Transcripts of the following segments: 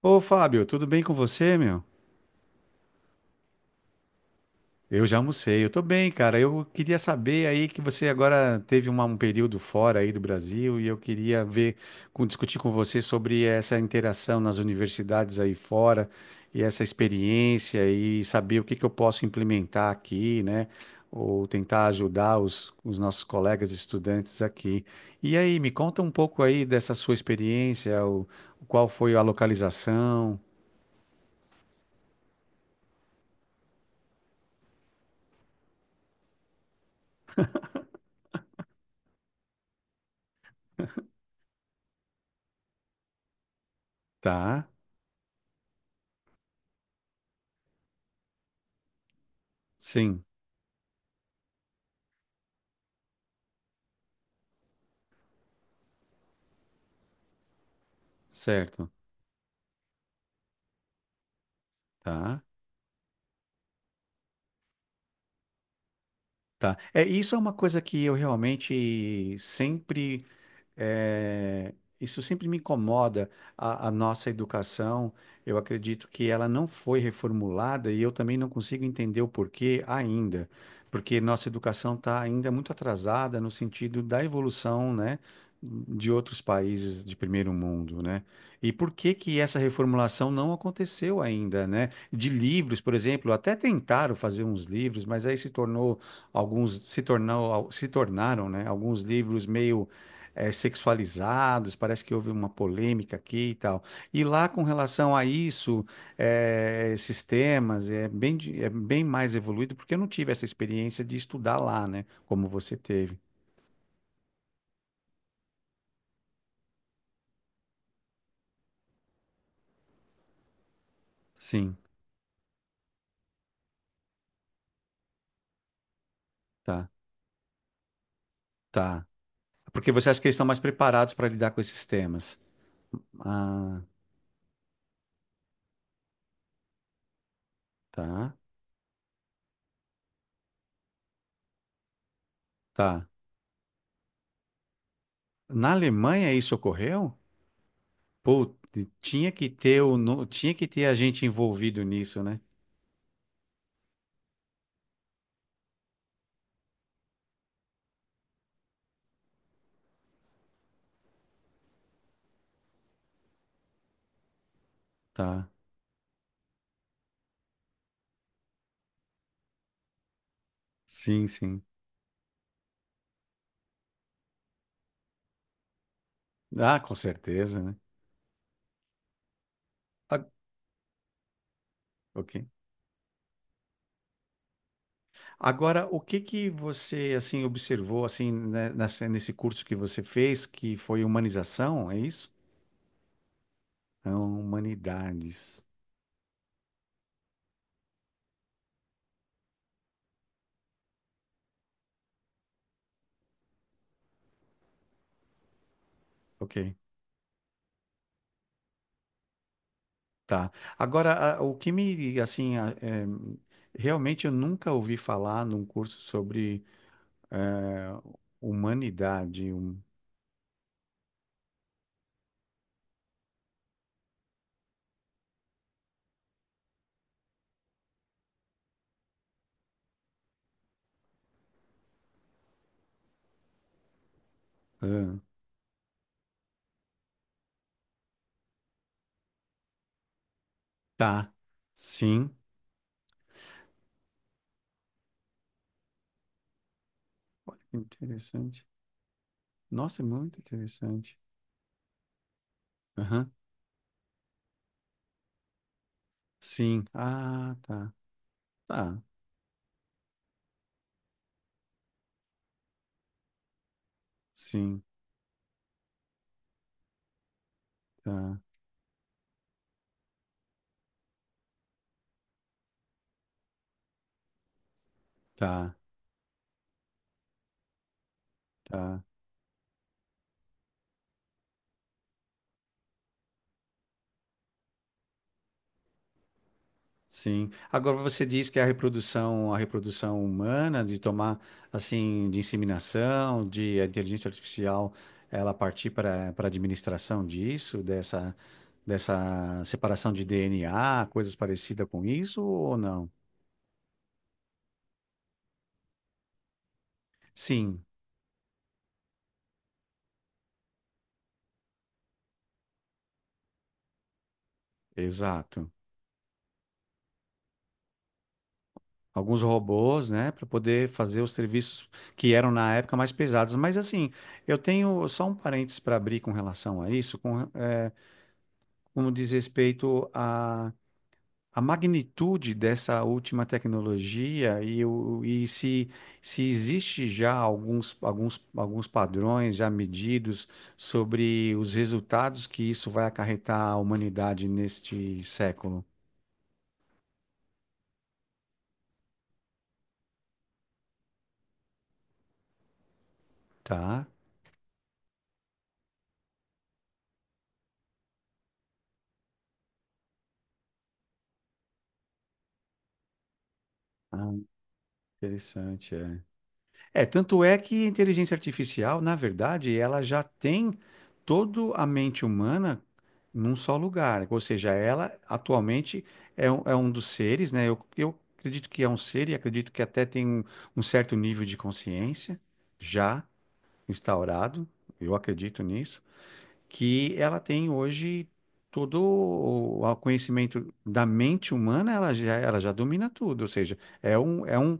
Ô Fábio, tudo bem com você, meu? Eu já almocei, eu tô bem, cara. Eu queria saber aí que você agora teve um período fora aí do Brasil e eu queria ver, discutir com você sobre essa interação nas universidades aí fora e essa experiência e saber o que que eu posso implementar aqui, né? Ou tentar ajudar os nossos colegas estudantes aqui. E aí, me conta um pouco aí dessa sua experiência, o, qual foi a localização, tá? Sim, certo. Tá, tá. É, isso é uma coisa que eu realmente sempre, é, isso sempre me incomoda, a nossa educação. Eu acredito que ela não foi reformulada e eu também não consigo entender o porquê ainda, porque nossa educação está ainda muito atrasada no sentido da evolução, né, de outros países de primeiro mundo, né? E por que que essa reformulação não aconteceu ainda, né? De livros, por exemplo, até tentaram fazer uns livros, mas aí se tornou, alguns se tornaram, né, alguns livros meio, sexualizados, parece que houve uma polêmica aqui e tal. E lá, com relação a isso, esses temas, é bem, é bem mais evoluído, porque eu não tive essa experiência de estudar lá, né? Como você teve. Sim, tá, tá. Porque você acha que eles estão mais preparados para lidar com esses temas? Ah, tá, tá. Na Alemanha isso ocorreu? Pô, tinha que ter o, no- tinha que ter a gente envolvido nisso, né? Tá. Sim, sim. Ah, com certeza, né? Ok. Agora, o que que você assim observou assim, né, nesse curso que você fez, que foi humanização, é isso? É, Humanidades. Ok. Tá. Agora, o que me assim é, realmente eu nunca ouvi falar num curso sobre, é, humanidade. Ah, tá. Sim. Olha que interessante. Nossa, é muito interessante. Aham. Sim. Ah, tá. Tá. Sim. Tá. Tá. Tá, sim. Agora você diz que a reprodução humana, de tomar assim, de inseminação, de a inteligência artificial, ela partir para a administração disso, dessa separação de DNA, coisas parecidas com isso ou não? Sim, exato. Alguns robôs, né, para poder fazer os serviços que eram na época mais pesados. Mas assim, eu tenho só um parênteses para abrir com relação a isso, com, como diz respeito a magnitude dessa última tecnologia e, o, e se existe já alguns, alguns padrões já medidos sobre os resultados que isso vai acarretar à humanidade neste século, tá? Ah, interessante, é. É, tanto é que a inteligência artificial, na verdade, ela já tem toda a mente humana num só lugar. Ou seja, ela atualmente é um dos seres, né? Eu acredito que é um ser e acredito que até tem um, um certo nível de consciência já instaurado, eu acredito nisso, que ela tem hoje todo o conhecimento da mente humana, ela já domina tudo. Ou seja, é um,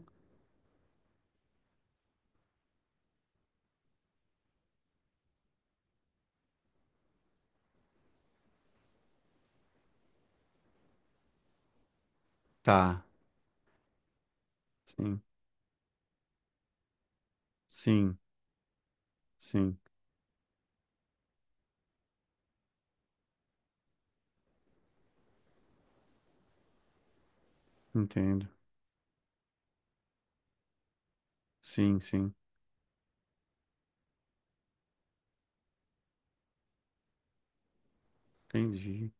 tá, sim, sim, sim. Entendo. Sim, sim. Entendi.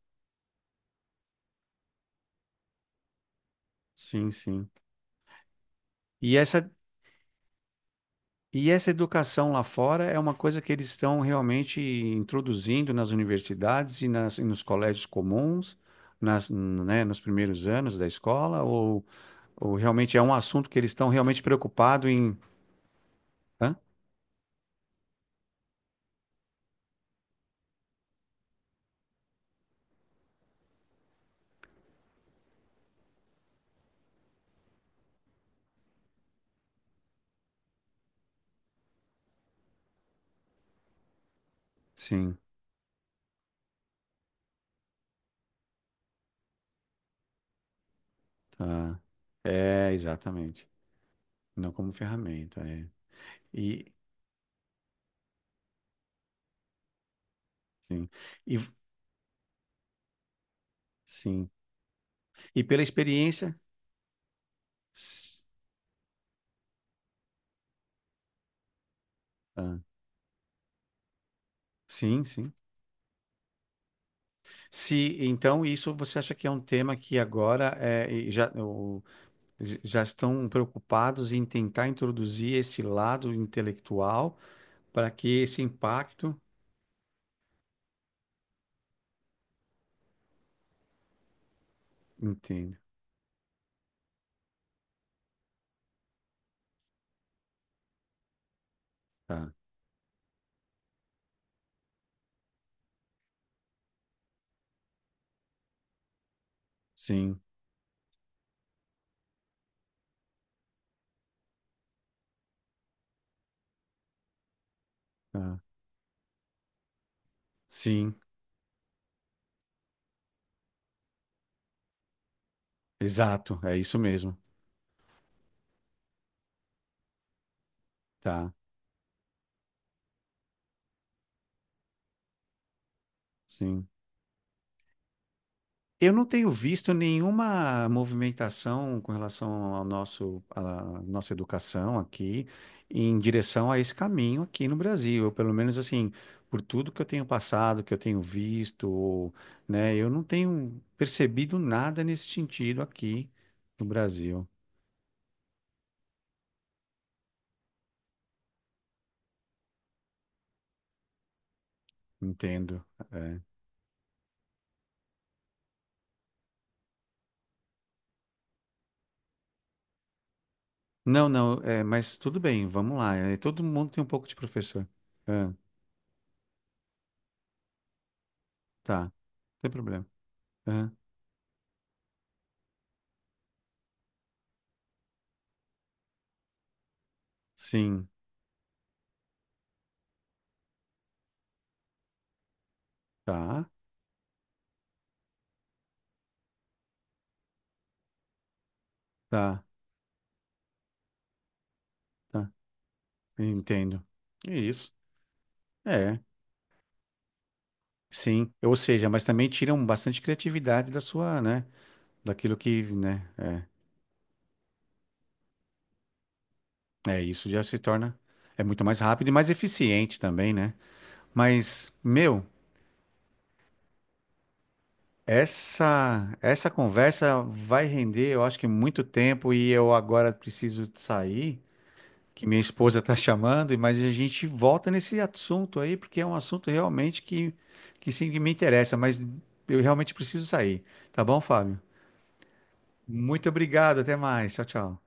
Sim, sim. E essa, e essa educação lá fora é uma coisa que eles estão realmente introduzindo nas universidades e, e nos colégios comuns, nas, né, nos primeiros anos da escola, ou realmente é um assunto que eles estão realmente preocupados em. Hã? Sim, tá. É, exatamente. Não como ferramenta, é. E, sim. E, sim. E pela experiência. s- ah, sim, sim. Se então isso você acha que é um tema que agora é, e já, já estão preocupados em tentar introduzir esse lado intelectual para que esse impacto entenda, tá? Sim, tá. Sim, exato, é isso mesmo, tá? Sim. Eu não tenho visto nenhuma movimentação com relação ao nosso, à nossa educação aqui, em direção a esse caminho aqui no Brasil. Eu, pelo menos assim, por tudo que eu tenho passado, que eu tenho visto, né, eu não tenho percebido nada nesse sentido aqui no Brasil. Entendo. É. Não, não, é, mas tudo bem, vamos lá. É, todo mundo tem um pouco de professor. Ah, tá, não tem problema. Ah, sim, tá, tá. Tá. Entendo. É isso. É, sim. Ou seja, mas também tiram bastante criatividade da sua, né? Daquilo que, né? É, é isso já se torna é muito mais rápido e mais eficiente também, né? Mas, meu, essa conversa vai render, eu acho que muito tempo e eu agora preciso sair, que minha esposa tá chamando, mas a gente volta nesse assunto aí, porque é um assunto realmente que me interessa, mas eu realmente preciso sair, tá bom, Fábio? Muito obrigado, até mais. Tchau, tchau.